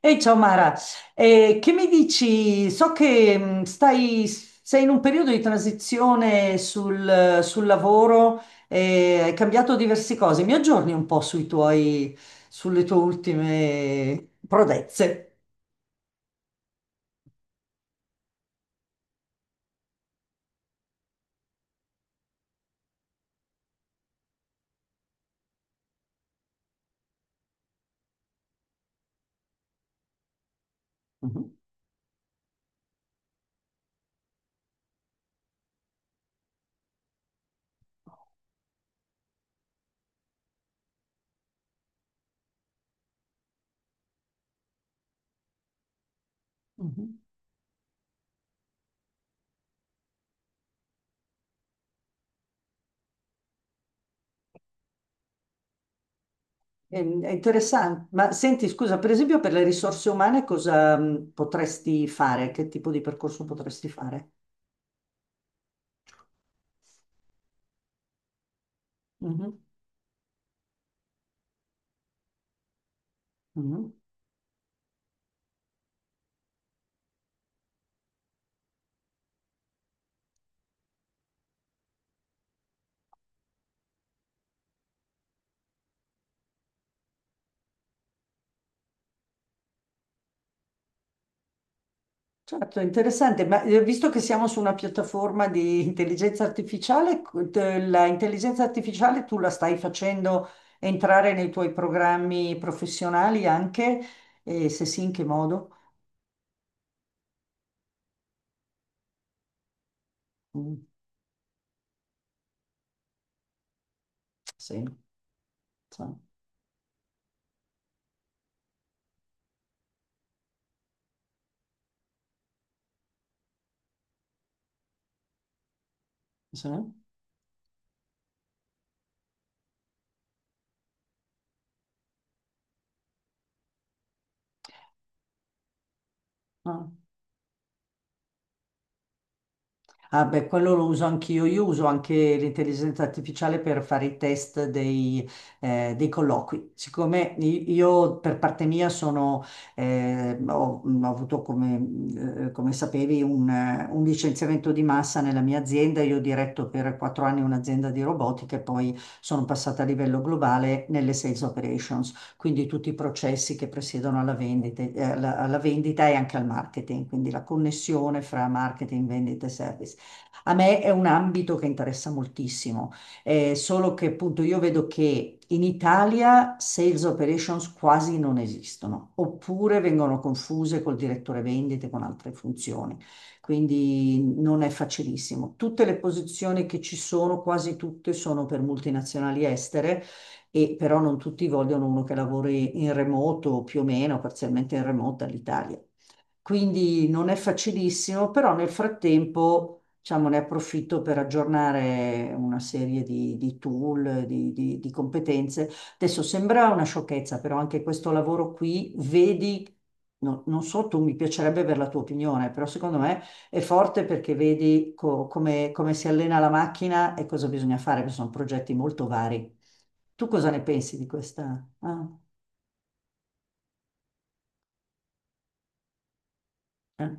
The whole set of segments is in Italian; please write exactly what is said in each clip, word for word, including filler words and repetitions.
Ehi, ciao Mara. Eh, che mi dici? So che, mh, stai, sei in un periodo di transizione sul, sul lavoro. Eh, hai cambiato diverse cose. Mi aggiorni un po' sui tuoi, sulle tue ultime prodezze. Mhm. Mhm. È, è interessante. Ma senti, scusa, per esempio per le risorse umane cosa mh, potresti fare? Che tipo di percorso potresti fare? Mhm. Mhm. Certo, interessante, ma eh, visto che siamo su una piattaforma di intelligenza artificiale, co- te- la intelligenza artificiale tu la stai facendo entrare nei tuoi programmi professionali anche? E se sì, in che modo? Mm, sì, sì, sì, no. Ah, beh, quello lo uso anch'io. Io uso anche l'intelligenza artificiale per fare i test dei, eh, dei colloqui. Siccome i- io per parte mia sono, eh, ho, ho avuto, come, eh, come sapevi, un, eh, un licenziamento di massa nella mia azienda. Io ho diretto per quattro anni un'azienda di robotica e poi sono passata a livello globale nelle sales operations, quindi tutti i processi che presiedono alla vendita, eh, alla alla vendita e anche al marketing, quindi la connessione fra marketing, vendita e service. A me è un ambito che interessa moltissimo, eh, solo che appunto io vedo che in Italia sales operations quasi non esistono, oppure vengono confuse col direttore vendite con altre funzioni, quindi non è facilissimo. Tutte le posizioni che ci sono, quasi tutte, sono per multinazionali estere e però non tutti vogliono uno che lavori in remoto, o più o meno, parzialmente in remoto dall'Italia. Quindi non è facilissimo, però nel frattempo, diciamo, ne approfitto per aggiornare una serie di, di tool, di, di- di competenze. Adesso sembra una sciocchezza, però anche questo lavoro qui, vedi, no- non so, tu mi piacerebbe avere la tua opinione, però secondo me è forte perché vedi co- come, come si allena la macchina e cosa bisogna fare, perché sono progetti molto vari. Tu cosa ne pensi di questa? Ah, eh,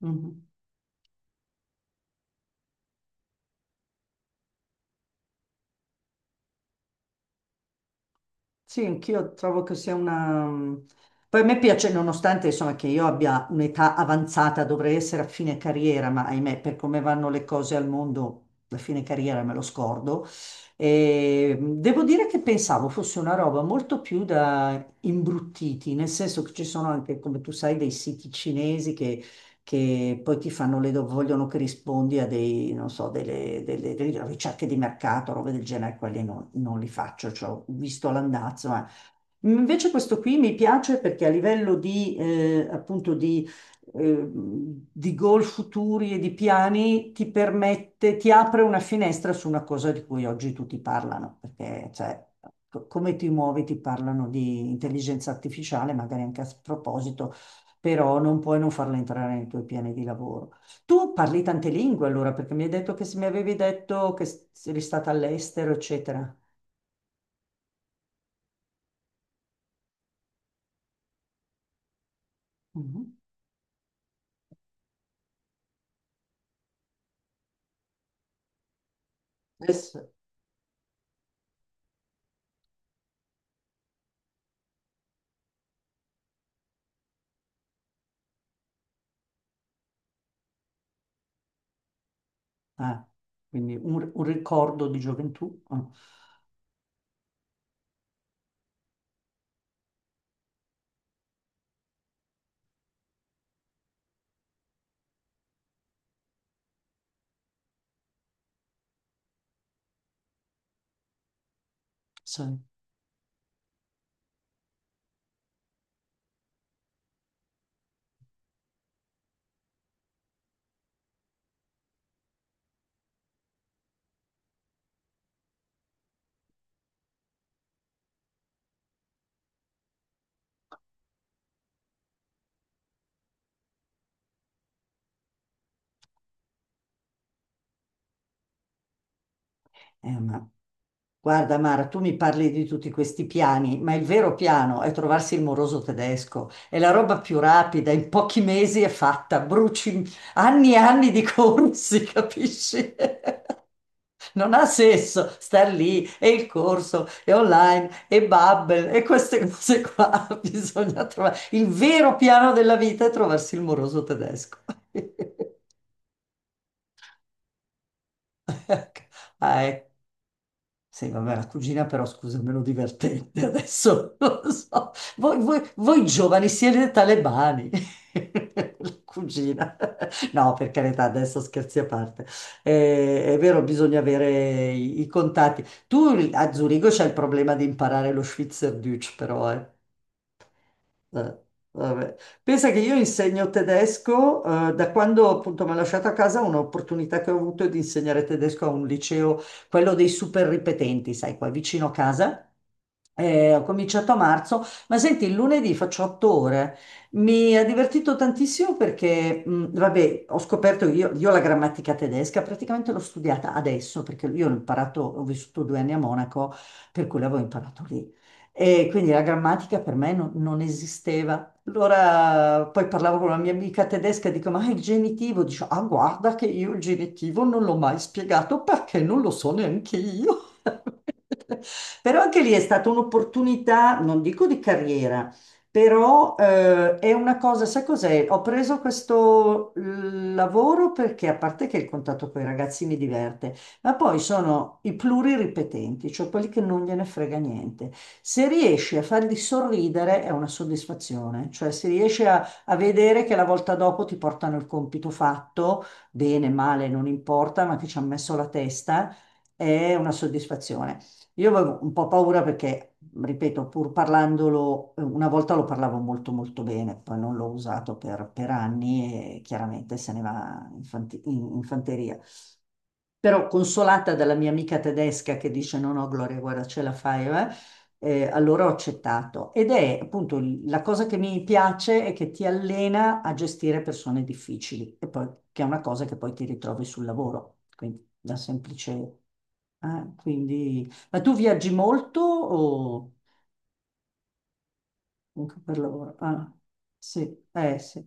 mhm. Sì, anch'io trovo che sia una. mhmm, Poi a me piace, nonostante insomma che io abbia un'età avanzata, dovrei essere a fine carriera, ma ahimè, per come vanno le cose al mondo, la fine carriera me lo scordo. E devo dire che pensavo fosse una roba molto più da imbruttiti, nel senso che ci sono anche, come tu sai, dei siti cinesi che che poi ti fanno le, do- vogliono che rispondi a dei, non so, delle, delle- delle ricerche di mercato, robe del genere, quelli non, non li faccio, cioè, ho visto l'andazzo, ma. Invece questo qui mi piace perché a livello di, eh, appunto di, eh, di goal futuri e di piani ti permette, ti apre una finestra su una cosa di cui oggi tutti parlano, perché cioè, co- come ti muovi ti parlano di intelligenza artificiale, magari anche a proposito però non puoi non farla entrare nei tuoi piani di lavoro. Tu parli tante lingue allora, perché mi hai detto che se mi avevi detto che s- eri stata all'estero, eccetera. Mhm. Adesso- ah, quindi un, un ricordo di gioventù. Ah, sì. Eh, ma- Guarda Mara, tu mi parli di tutti questi piani, ma il vero piano è trovarsi il moroso tedesco. È la roba più rapida, in pochi mesi è fatta, bruci anni e anni di corsi, capisci? Non ha senso star lì e il corso e online e Babbel e queste cose qua. Bisogna trovare il vero piano della vita è trovarsi il moroso tedesco. Ecco. Ah, ecco. Sì, vabbè, la cugina però, scusa, è meno divertente adesso, non lo so. Voi, voi- voi giovani siete talebani. La cugina. No, per carità, adesso scherzi a parte. Eh, è vero, bisogna avere i, i contatti. Tu a Zurigo c'è il problema di imparare lo Schweizerdeutsch, però, eh. Eh, vabbè. Pensa che io insegno tedesco, eh, da quando appunto mi ha lasciato a casa, un'opportunità che ho avuto è di insegnare tedesco a un liceo, quello dei super ripetenti, sai, qua vicino a casa. Eh, ho cominciato a marzo, ma senti, il lunedì faccio otto ore. Mi ha divertito tantissimo perché, mh, vabbè, ho scoperto io, io, la grammatica tedesca praticamente l'ho studiata adesso perché io l'ho imparato, ho vissuto due anni a Monaco, per cui l'avevo imparato lì. E quindi la grammatica per me non, non esisteva. Allora poi parlavo con una mia amica tedesca e dico, ma il genitivo? Dice, ah, guarda che io il genitivo non l'ho mai spiegato perché non lo so neanche io. Però anche lì è stata un'opportunità, non dico di carriera, però eh, è una cosa, sai cos'è? Ho preso questo eh, lavoro perché a parte che il contatto con i ragazzi mi diverte, ma poi sono i pluriripetenti, cioè quelli che non gliene frega niente. Se riesci a farli sorridere è una soddisfazione, cioè se riesci a, a vedere che la volta dopo ti portano il compito fatto, bene, male, non importa, ma che ci hanno messo la testa, è una soddisfazione. Io avevo un po' paura perché, ripeto, pur parlandolo, eh, una volta lo parlavo molto molto bene, poi non l'ho usato per, per anni e chiaramente se ne va in fanti- in- in fanteria. Però consolata dalla mia amica tedesca che dice no, no, Gloria, guarda, ce la fai, eh, eh, allora ho accettato. Ed è appunto il- la cosa che mi piace è che ti allena a gestire persone difficili, e poi, che è una cosa che poi ti ritrovi sul lavoro. Quindi da semplice. Ah, quindi. Ma tu viaggi molto o anche per lavoro? Ah, sì, eh sì.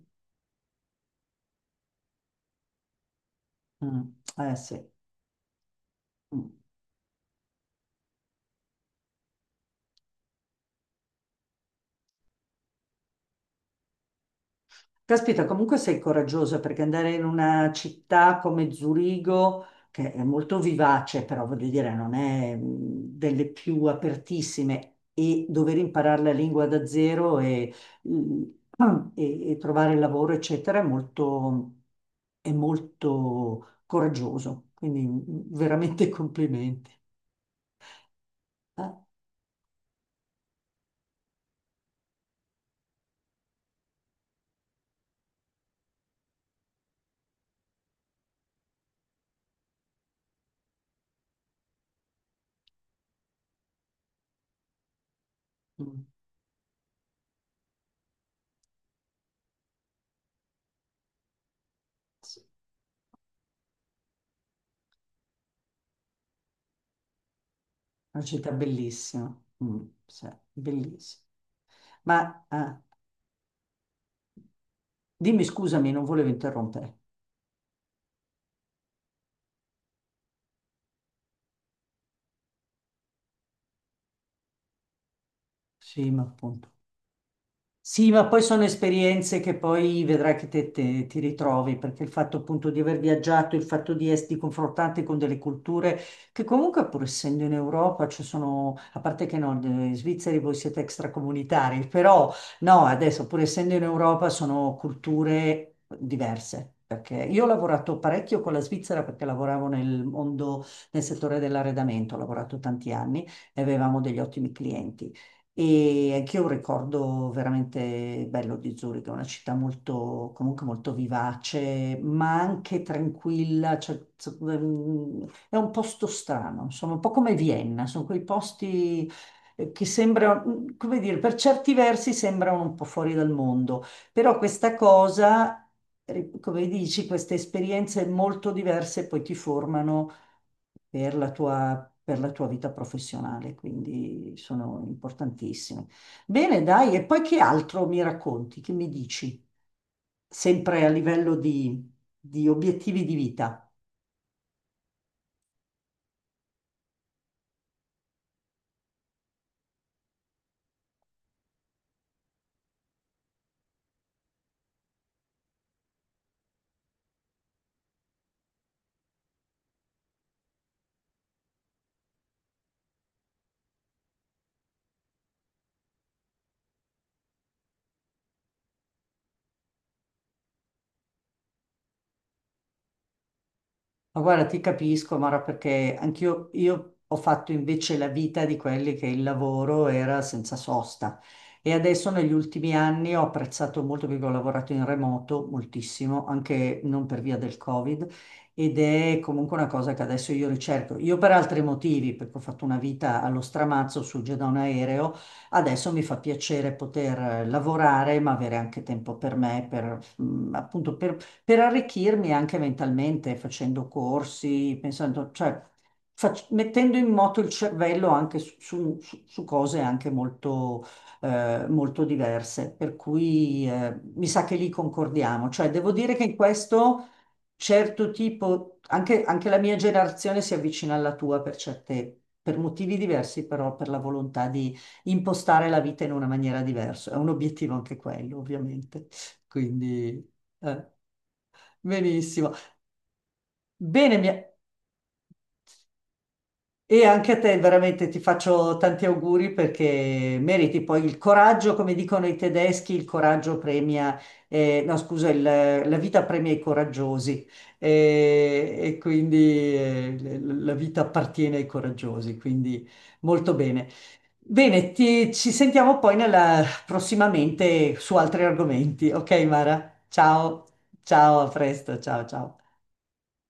Mm, eh sì. Mm. Caspita, comunque sei coraggiosa perché andare in una città come Zurigo, che è molto vivace, però voglio dire, non è mh, delle più apertissime, e dover imparare la lingua da zero e, mh, e- e trovare lavoro, eccetera, è molto, è molto coraggioso. Quindi mh, veramente complimenti. Eh? Mm, sì. Una città bellissima. Mm, sì, bellissima. Ma, ah, dimmi scusami, non volevo interrompere. Sì, ma appunto. Sì, ma poi sono esperienze che poi vedrai che te, te- ti ritrovi, perché il fatto appunto di aver viaggiato, il fatto di esserti confrontanti con delle culture che comunque pur essendo in Europa, ci sono, a parte che no, in Svizzera voi siete extracomunitari, però no, adesso pur essendo in Europa sono culture diverse. Perché io ho lavorato parecchio con la Svizzera perché lavoravo nel mondo, nel settore dell'arredamento, ho lavorato tanti anni e avevamo degli ottimi clienti. E anch'io ho un ricordo veramente bello di Zurigo, è una città molto, comunque molto vivace, ma anche tranquilla, cioè, z- mm, è un posto strano, insomma, un po' come Vienna, sono quei posti eh, che sembrano, mm, come dire, per certi versi sembrano un po' fuori dal mondo, però questa cosa, ri- come dici, queste esperienze molto diverse poi ti formano per la tua, per la tua vita professionale, quindi sono importantissime. Bene, dai, e poi che altro mi racconti? Che mi dici? Sempre a livello di, di obiettivi di vita. Ma guarda, ti capisco, Mara, perché anch'io io ho fatto invece la vita di quelli che il lavoro era senza sosta. E adesso negli ultimi anni ho apprezzato molto perché ho lavorato in remoto moltissimo, anche non per via del Covid, ed è comunque una cosa che adesso io ricerco. Io per altri motivi, perché ho fatto una vita allo stramazzo su giù da un aereo, adesso mi fa piacere poter eh, lavorare, ma avere anche tempo per me, per, mm, appunto per arricchirmi anche mentalmente, facendo corsi, pensando, cioè fac- mettendo in moto il cervello anche su, su- su- su cose anche molto, eh, molto diverse. Per cui eh, mi sa che lì concordiamo. Cioè, devo dire che in questo certo tipo, anche, anche la mia generazione si avvicina alla tua per certe, per motivi diversi, però per la volontà di impostare la vita in una maniera diversa. È un obiettivo anche quello, ovviamente. Quindi, eh. Benissimo. Bene, mia- e anche a te veramente ti faccio tanti auguri perché meriti poi il coraggio, come dicono i tedeschi, il coraggio premia, eh, no scusa, il- la vita premia i coraggiosi. Eh, e, quindi eh, l- la vita appartiene ai coraggiosi, quindi molto bene. Bene, ti- ci sentiamo poi nella- prossimamente su altri argomenti, ok Mara? Ciao, ciao, a presto, ciao, ciao.